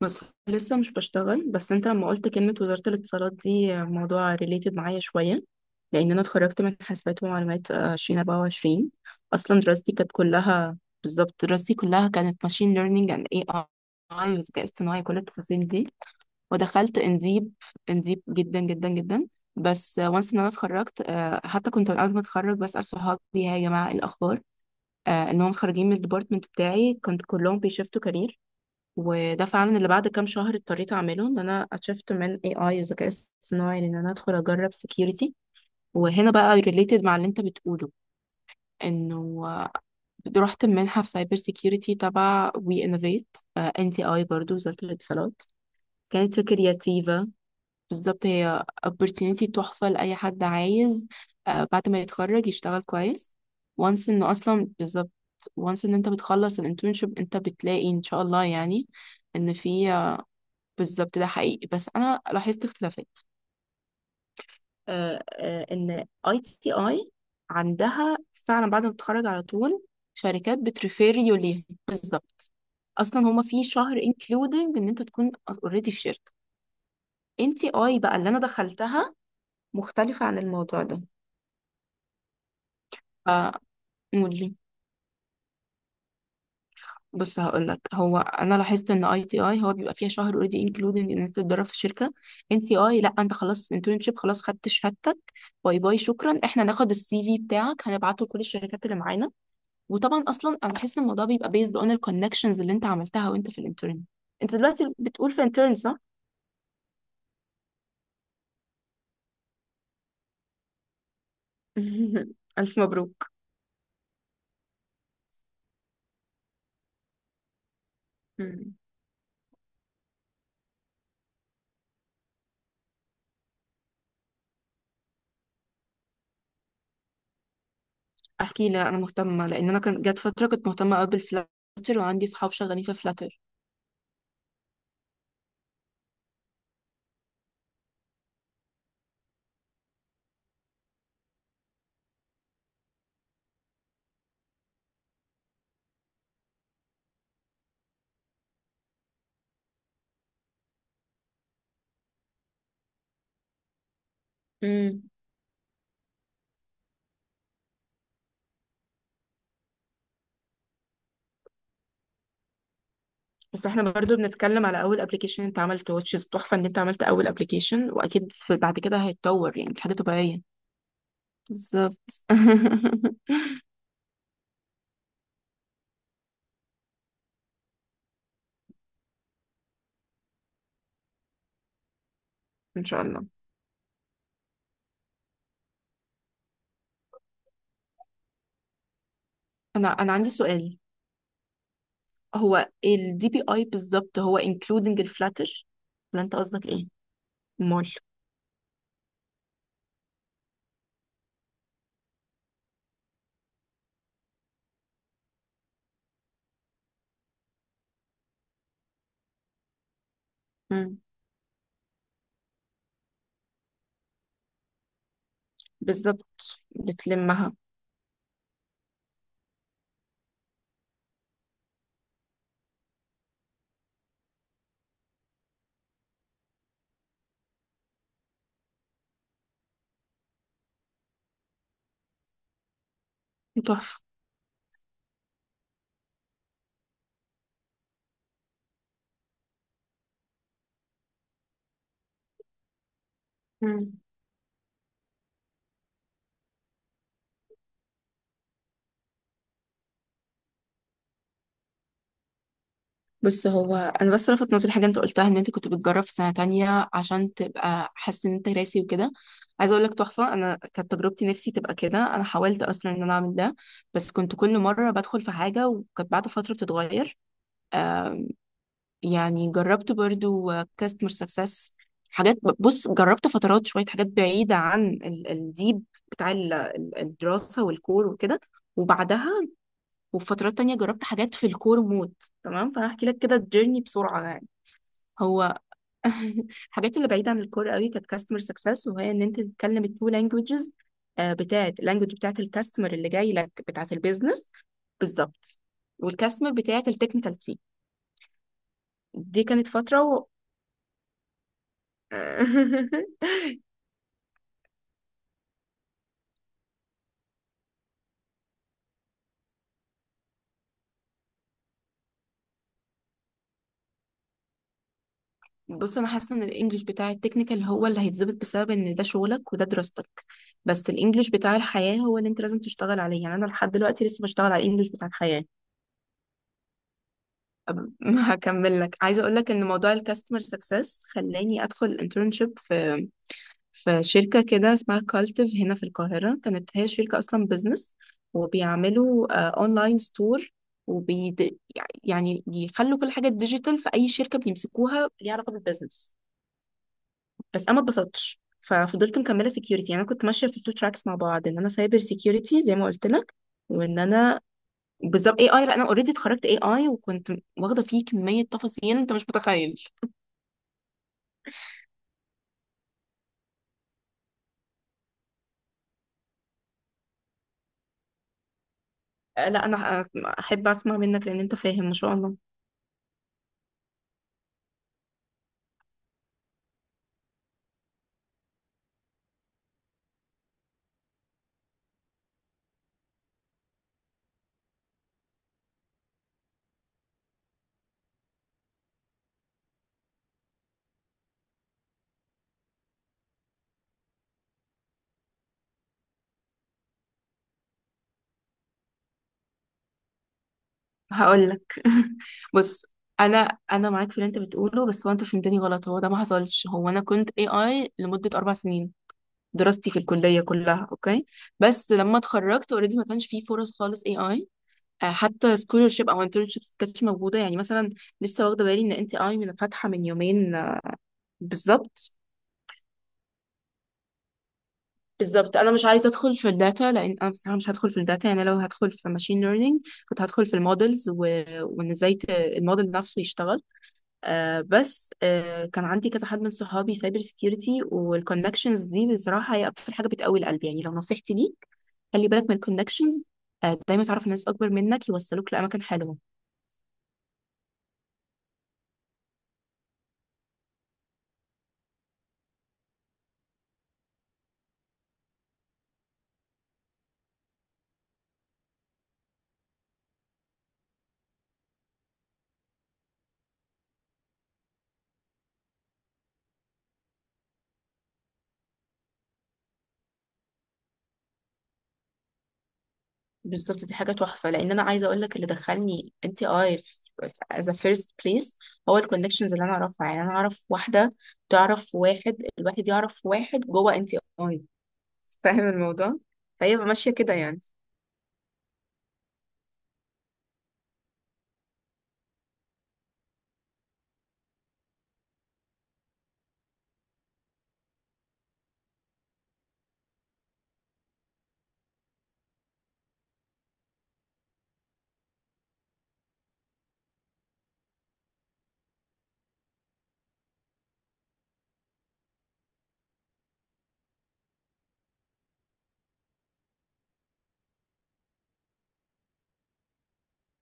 بس لسه مش بشتغل، بس انت لما قلت كلمة وزارة الاتصالات دي موضوع ريليتد معايا شوية. لأن أنا اتخرجت من حاسبات ومعلومات 2024. أصلا دراستي كانت كلها، بالظبط دراستي كلها كانت ماشين ليرنينج اند اي اي، والذكاء الاصطناعي، كل التفاصيل دي. ودخلت انديب، انديب جدا جدا جدا. بس وانس ان انا اتخرجت، حتى كنت من قبل ما اتخرج بسأل صحابي: هاي يا جماعة، ايه الأخبار، إنهم خارجين من الديبارتمنت بتاعي؟ كنت كلهم بيشفتوا كارير. وده فعلا اللي بعد كام شهر اضطريت اعمله، ان انا اتشفت من اي اي وذكاء اصطناعي، ان انا ادخل اجرب سكيورتي. وهنا بقى ريليتد مع اللي انت بتقوله، انه رحت منحه في سايبر سكيورتي تبع وي انوفيت، ان تي اي، برضه وزاره الاتصالات، كانت في كرياتيفا. بالظبط، هي opportunity تحفه لاي حد عايز بعد ما يتخرج يشتغل كويس. وانس انه اصلا، بالظبط، وانس ان انت بتخلص الانترنشيب انت بتلاقي ان شاء الله يعني ان في. بالظبط ده حقيقي، بس انا لاحظت اختلافات. ان اي تي اي عندها فعلا بعد ما بتتخرج على طول شركات بتريفير يو ليها. بالظبط، اصلا هما في شهر انكلودنج ان انت تكون اوريدي في شركه. ان تي اي بقى اللي انا دخلتها مختلفه عن الموضوع ده. فقولي، بص هقول لك، هو انا لاحظت ان اي تي اي هو بيبقى فيها شهر اوريدي انكلودنج ان انت تتدرب في شركه. ان سي اي لا، انت خلاص انترنشيب، خلاص خدت شهادتك، باي باي، شكرا، احنا هناخد السي في بتاعك هنبعته لكل الشركات اللي معانا. وطبعا اصلا انا بحس ان الموضوع بيبقى بيزد اون الكونكشنز اللي انت عملتها وانت في الانترن. انت دلوقتي بتقول في انترن، صح؟ الف مبروك. مم. احكي لي، انا مهتمه لان انا كان جت فتره كنت مهتمه قوي بالفلاتر، وعندي صحاب شغالين في فلاتر. بس احنا برضو بنتكلم على اول ابلكيشن انت عملته، وتشيز تحفة ان انت عملت اول ابلكيشن، واكيد في بعد كده هيتطور يعني، دي حاجة طبيعية. بالظبط. ان شاء الله. انا عندي سؤال: هو الدي بي اي بالظبط هو including الفلاتر، ولا انت قصدك ايه؟ امال. مم. بالظبط بتلمها. تحفة. بص، هو انا بس لفت نظري حاجه انت قلتها، ان انت كنت بتجرب في سنه تانية عشان تبقى حاسس ان انت راسي وكده. عايزه اقول لك تحفه، انا كانت تجربتي نفسي تبقى كده، انا حاولت اصلا ان انا اعمل ده، بس كنت كل مره بدخل في حاجه وكانت بعد فتره بتتغير. آه يعني جربت برضو كاستمر سكسس حاجات. بص جربت فترات شويه حاجات بعيده عن الديب بتاع الدراسه والكور وكده. وبعدها وفي فترات تانية جربت حاجات في الكور مود. تمام، فهحكي لك كده الجيرني بسرعة يعني. هو الحاجات اللي بعيدة عن الكور قوي كانت كاستمر سكسس، وهي ان انت تتكلم التو لانجوجز، بتاعت اللانجوج بتاعت الكاستمر اللي جاي لك بتاعت البيزنس. بالظبط، والكاستمر بتاعت التكنيكال تيم. دي كانت فترة. بص انا حاسه ان الانجليش بتاع التكنيكال هو اللي هيتظبط بسبب ان ده شغلك وده دراستك. بس الانجليش بتاع الحياه هو اللي انت لازم تشتغل عليه، يعني انا لحد دلوقتي لسه بشتغل على الانجليش بتاع الحياه. أب- هكمل لك، عايزه اقول لك ان موضوع الكاستمر سكسس خلاني ادخل انترنشيب في شركه كده اسمها كالتيف هنا في القاهره، كانت هي شركه اصلا بزنس، وبيعملوا اونلاين ستور وبي يعني يخلوا كل حاجه ديجيتال في اي شركه بيمسكوها ليها علاقه بالبزنس. بس انا ما اتبسطتش، ففضلت مكمله سكيورتي، يعني انا كنت ماشيه في التو تراكس مع بعض، ان انا سايبر سكيورتي زي ما قلت لك، وان انا، بالظبط اي اي. لا، انا اوريدي اتخرجت اي اي وكنت واخده فيه كميه تفاصيل انت مش متخيل. لا انا احب اسمع منك لان انت فاهم ما شاء الله. هقول لك. بص، انا معاك في اللي انت بتقوله، بس هو انت فهمتني غلط، هو ده ما حصلش. هو انا كنت اي اي لمده 4 سنين، دراستي في الكليه كلها اوكي. بس لما اتخرجت اوريدي ما كانش فيه فرص خالص اي اي، حتى سكولرشيب او انترنشيب ما كانتش موجوده، يعني مثلا لسه واخده بالي ان انت اي من فاتحه من يومين بالظبط. بالظبط انا مش عايزه ادخل في الداتا، لان انا بصراحه مش هدخل في الداتا، يعني لو هدخل في ماشين ليرنينج كنت هدخل في المودلز، وان ازاي الموديل نفسه يشتغل. بس كان عندي كذا حد من صحابي سايبر سكيورتي، والكونكشنز دي بصراحه هي اكتر حاجه بتقوي القلب، يعني لو نصيحتي ليك، خلي بالك من الكونكشنز. دايما تعرف ناس اكبر منك يوصلوك لاماكن حلوه. بالظبط، دي حاجة تحفة، لأن أنا عايزة أقول لك اللي دخلني أنت أي في as a first place هو الكونكشنز اللي أنا أعرفها، يعني أنا أعرف واحدة تعرف واحد، الواحد يعرف واحد جوه أنت أي. فاهم الموضوع؟ فهي ماشية كده يعني.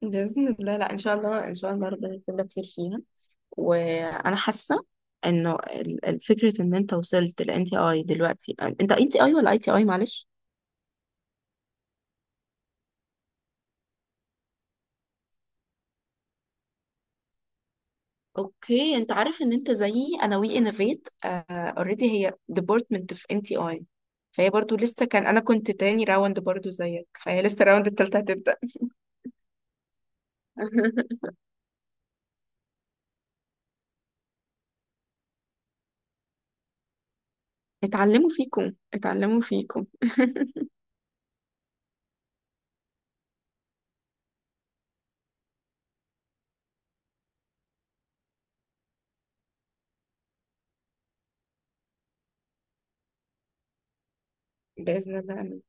بإذن الله. لا، إن شاء الله إن شاء الله ربنا يكتب لك خير فيها. وأنا حاسة إنه الفكرة إن أنت وصلت لأنت أي دلوقتي، أنت أي ولا أي تي أي؟ معلش. اوكي، انت عارف ان انت زيي، انا وي انوفيت اوريدي هي ديبارتمنت في ان تي اي، فهي برضو لسه، كان انا كنت تاني راوند برضو زيك، فهي لسه الراوند التالتة هتبدأ. اتعلموا فيكم، اتعلموا فيكم. بإذن الله، آمين.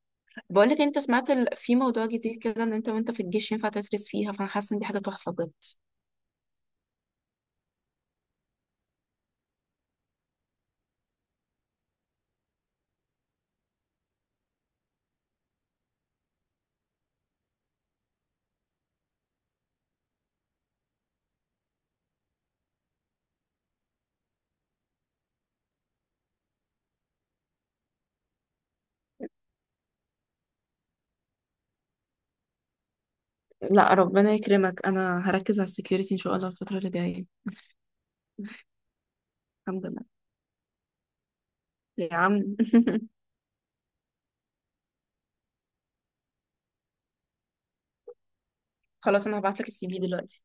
بقول لك، انت سمعت في موضوع جديد كده، ان انت وانت في الجيش ينفع تدرس فيها، فانا حاسه ان دي حاجه تحفه بجد. لا، ربنا يكرمك، انا هركز على السكيورتي ان شاء الله الفتره اللي جايه. الحمد لله. يا عم. خلاص انا هبعت لك السي في دلوقتي.